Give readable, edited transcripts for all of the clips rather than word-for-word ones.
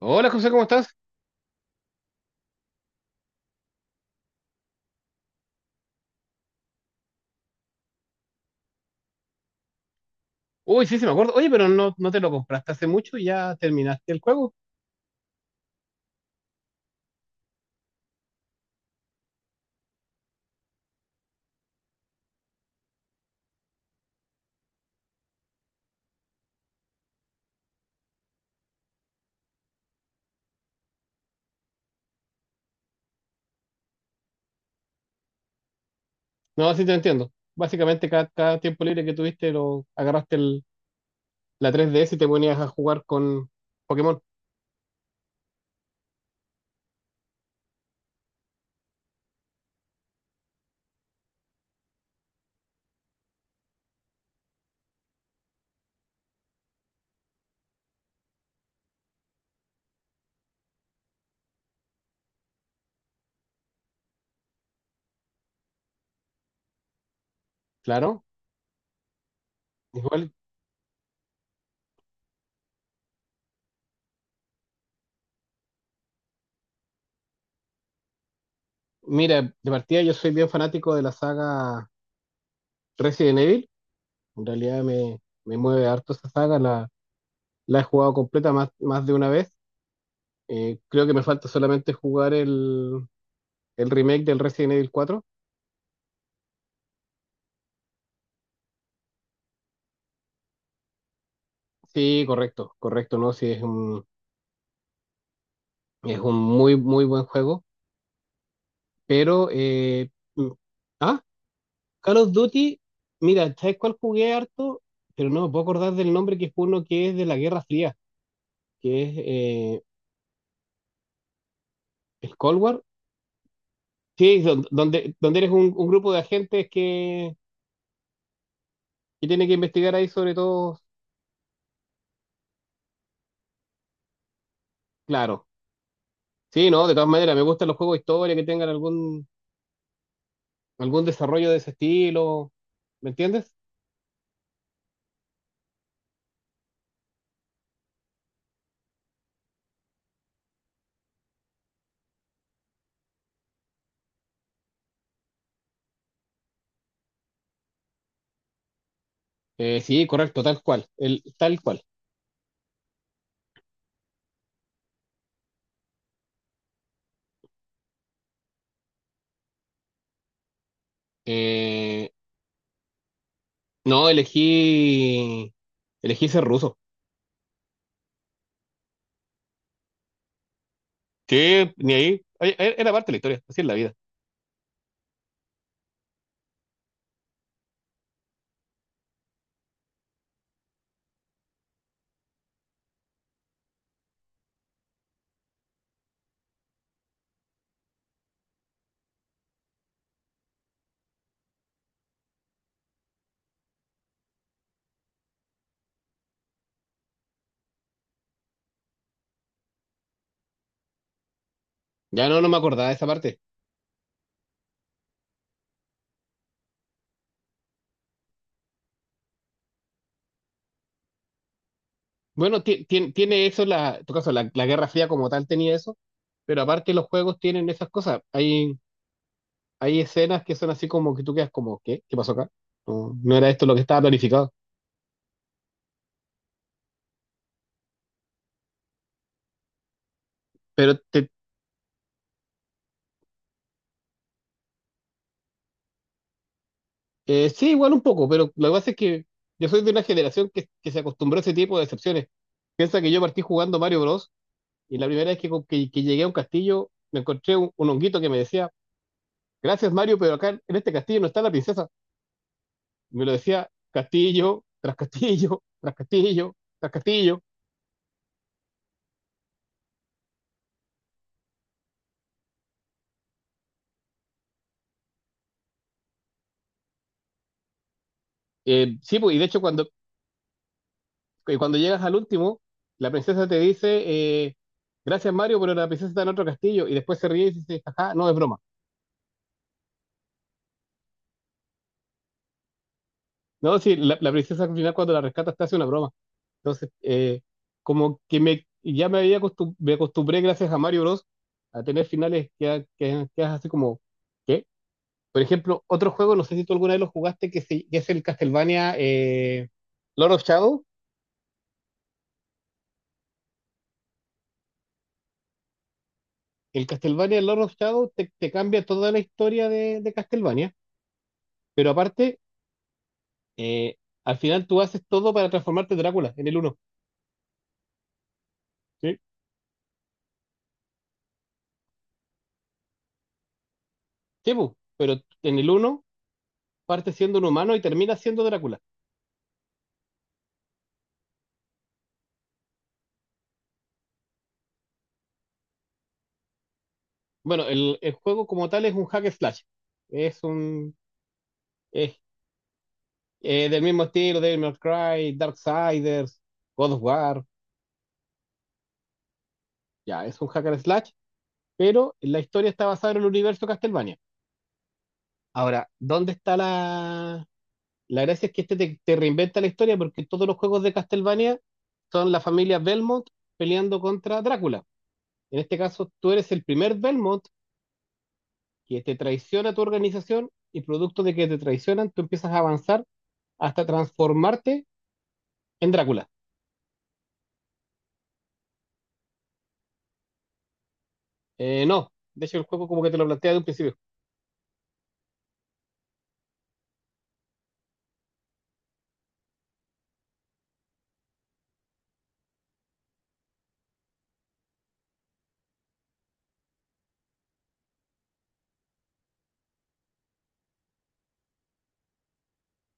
Hola José, ¿cómo estás? Uy, sí, sí me acuerdo. Oye, pero no, no te lo compraste hace mucho y ya terminaste el juego. No, sí te entiendo. Básicamente cada tiempo libre que tuviste lo agarraste la 3DS y te ponías a jugar con Pokémon. Claro. Igual, mira, de partida yo soy bien fanático de la saga Resident Evil. En realidad me mueve harto esa saga. La he jugado completa más de una vez. Creo que me falta solamente jugar el remake del Resident Evil 4. Sí, correcto, correcto, ¿no? Sí, es un muy, muy buen juego, pero... ah, Call of Duty, mira, ¿sabes cuál jugué harto? Pero no me puedo acordar del nombre que es uno que es de la Guerra Fría, que es el Cold War. Sí, es donde, donde eres un grupo de agentes que tiene que investigar ahí sobre todo, claro. Sí, no, de todas maneras, me gustan los juegos de historia que tengan algún desarrollo de ese estilo, ¿me entiendes? Sí, correcto, tal cual, el, tal cual. Eh, No, elegí ser ruso. Que ni ahí, ay, era parte de la historia, así es la vida. Ya no, no me acordaba de esa parte. Bueno, tiene eso, la, en tu caso, la Guerra Fría como tal tenía eso, pero aparte los juegos tienen esas cosas. Hay escenas que son así como que tú quedas como, ¿qué? ¿Qué pasó acá? No, no era esto lo que estaba planificado. Pero te, sí, igual un poco, pero lo que pasa es que yo soy de una generación que se acostumbró a ese tipo de excepciones. Piensa que yo partí jugando Mario Bros. Y la primera vez que llegué a un castillo, me encontré un honguito que me decía, gracias Mario, pero acá en este castillo no está la princesa. Me lo decía castillo, tras castillo, tras castillo, tras castillo. Sí, pues, y de hecho cuando llegas al último, la princesa te dice, gracias Mario, pero la princesa está en otro castillo. Y después se ríe y dice, ajá, no es broma. No, sí, la princesa al final cuando la rescata te hace una broma. Entonces, como que ya me había me acostumbré, gracias a Mario Bros, a tener finales que es así como, ¿qué? Por ejemplo, otro juego, no sé si tú alguna vez lo jugaste, que es el Castlevania Lord of Shadow. El Castlevania Lord of Shadow te cambia toda la historia de Castlevania, pero aparte, eh, al final tú haces todo para transformarte en Drácula, en el uno. Sí, sí, bu, pero en el uno parte siendo un humano y termina siendo Drácula. Bueno, el juego como tal es un hack and slash. Es un. Es, del mismo estilo, Devil May Cry, Darksiders, God of War. Ya, es un hack and slash, pero la historia está basada en el universo Castlevania. Ahora, ¿dónde está la? La gracia es que este te reinventa la historia porque todos los juegos de Castlevania son la familia Belmont peleando contra Drácula. En este caso, tú eres el primer Belmont que te traiciona tu organización y producto de que te traicionan, tú empiezas a avanzar hasta transformarte en Drácula. No, de hecho el juego como que te lo plantea de un principio.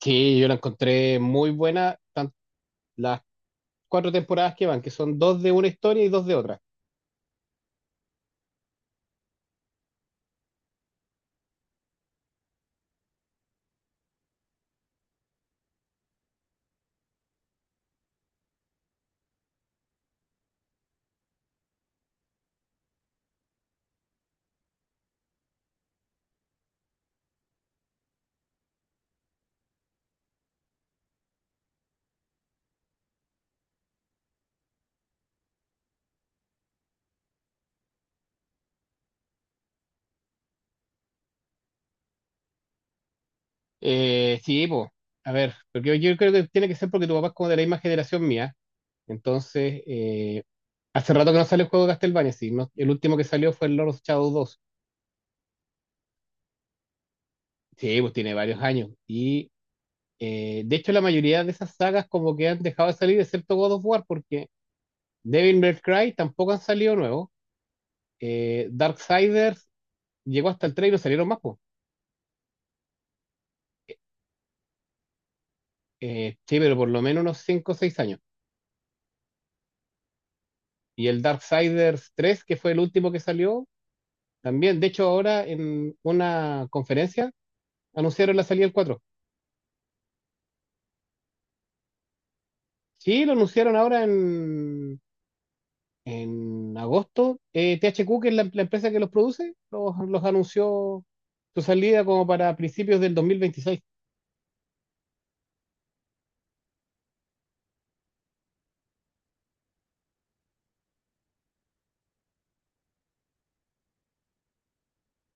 Sí, yo la encontré muy buena, tan- las cuatro temporadas que van, que son dos de una historia y dos de otra. Sí, pues, a ver, porque yo creo que tiene que ser porque tu papá es como de la misma generación mía. Entonces, hace rato que no sale el juego de Castlevania, sí, no- el último que salió fue el Lord of Shadow 2. Sí, pues tiene varios años. Y de hecho la mayoría de esas sagas como que han dejado de salir, excepto God of War, porque Devil May Cry tampoco han salido nuevos. Darksiders llegó hasta el 3 y no salieron más, po. Eh, sí, pero por lo menos unos 5 o 6 años. Y el Darksiders 3, que fue el último que salió, también. De hecho, ahora en una conferencia anunciaron la salida del 4. Sí, lo anunciaron ahora en agosto. THQ, que es la empresa que los produce, los anunció su salida como para principios del 2026.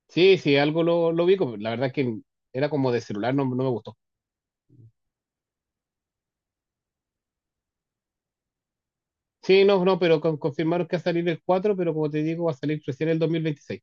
Sí, sí, algo lo vi. La verdad que era como de celular, no, no me gustó. Sí, no, no, pero confirmaron que va a salir el 4, pero como te digo, va a salir recién el 2026.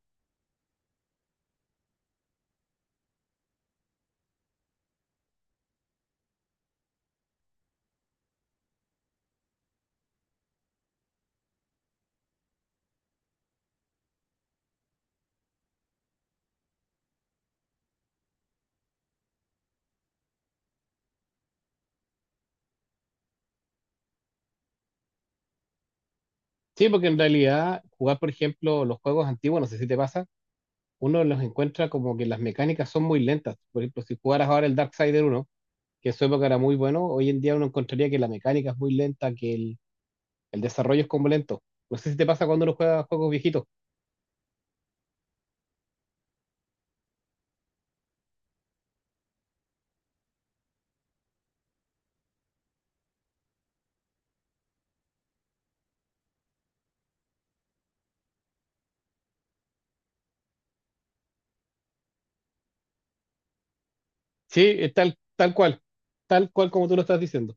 Sí, porque en realidad jugar, por ejemplo, los juegos antiguos, no sé si te pasa, uno los encuentra como que las mecánicas son muy lentas. Por ejemplo, si jugaras ahora el Darksider 1, que en su época era muy bueno, hoy en día uno encontraría que la mecánica es muy lenta, que el desarrollo es como lento. No sé si te pasa cuando uno juega juegos viejitos. Sí, es tal, tal cual como tú lo estás diciendo.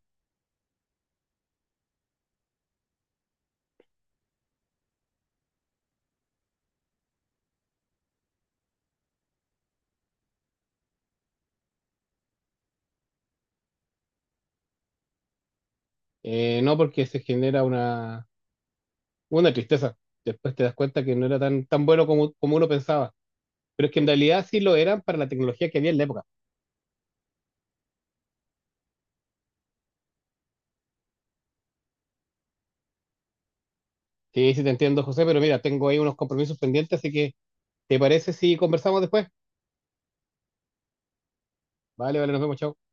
No porque se genera una tristeza. Después te das cuenta que no era tan bueno como uno pensaba. Pero es que en realidad sí lo eran para la tecnología que había en la época. Sí, sí te entiendo, José, pero mira, tengo ahí unos compromisos pendientes, así que ¿te parece si conversamos después? Vale, vale, nos vemos, chao.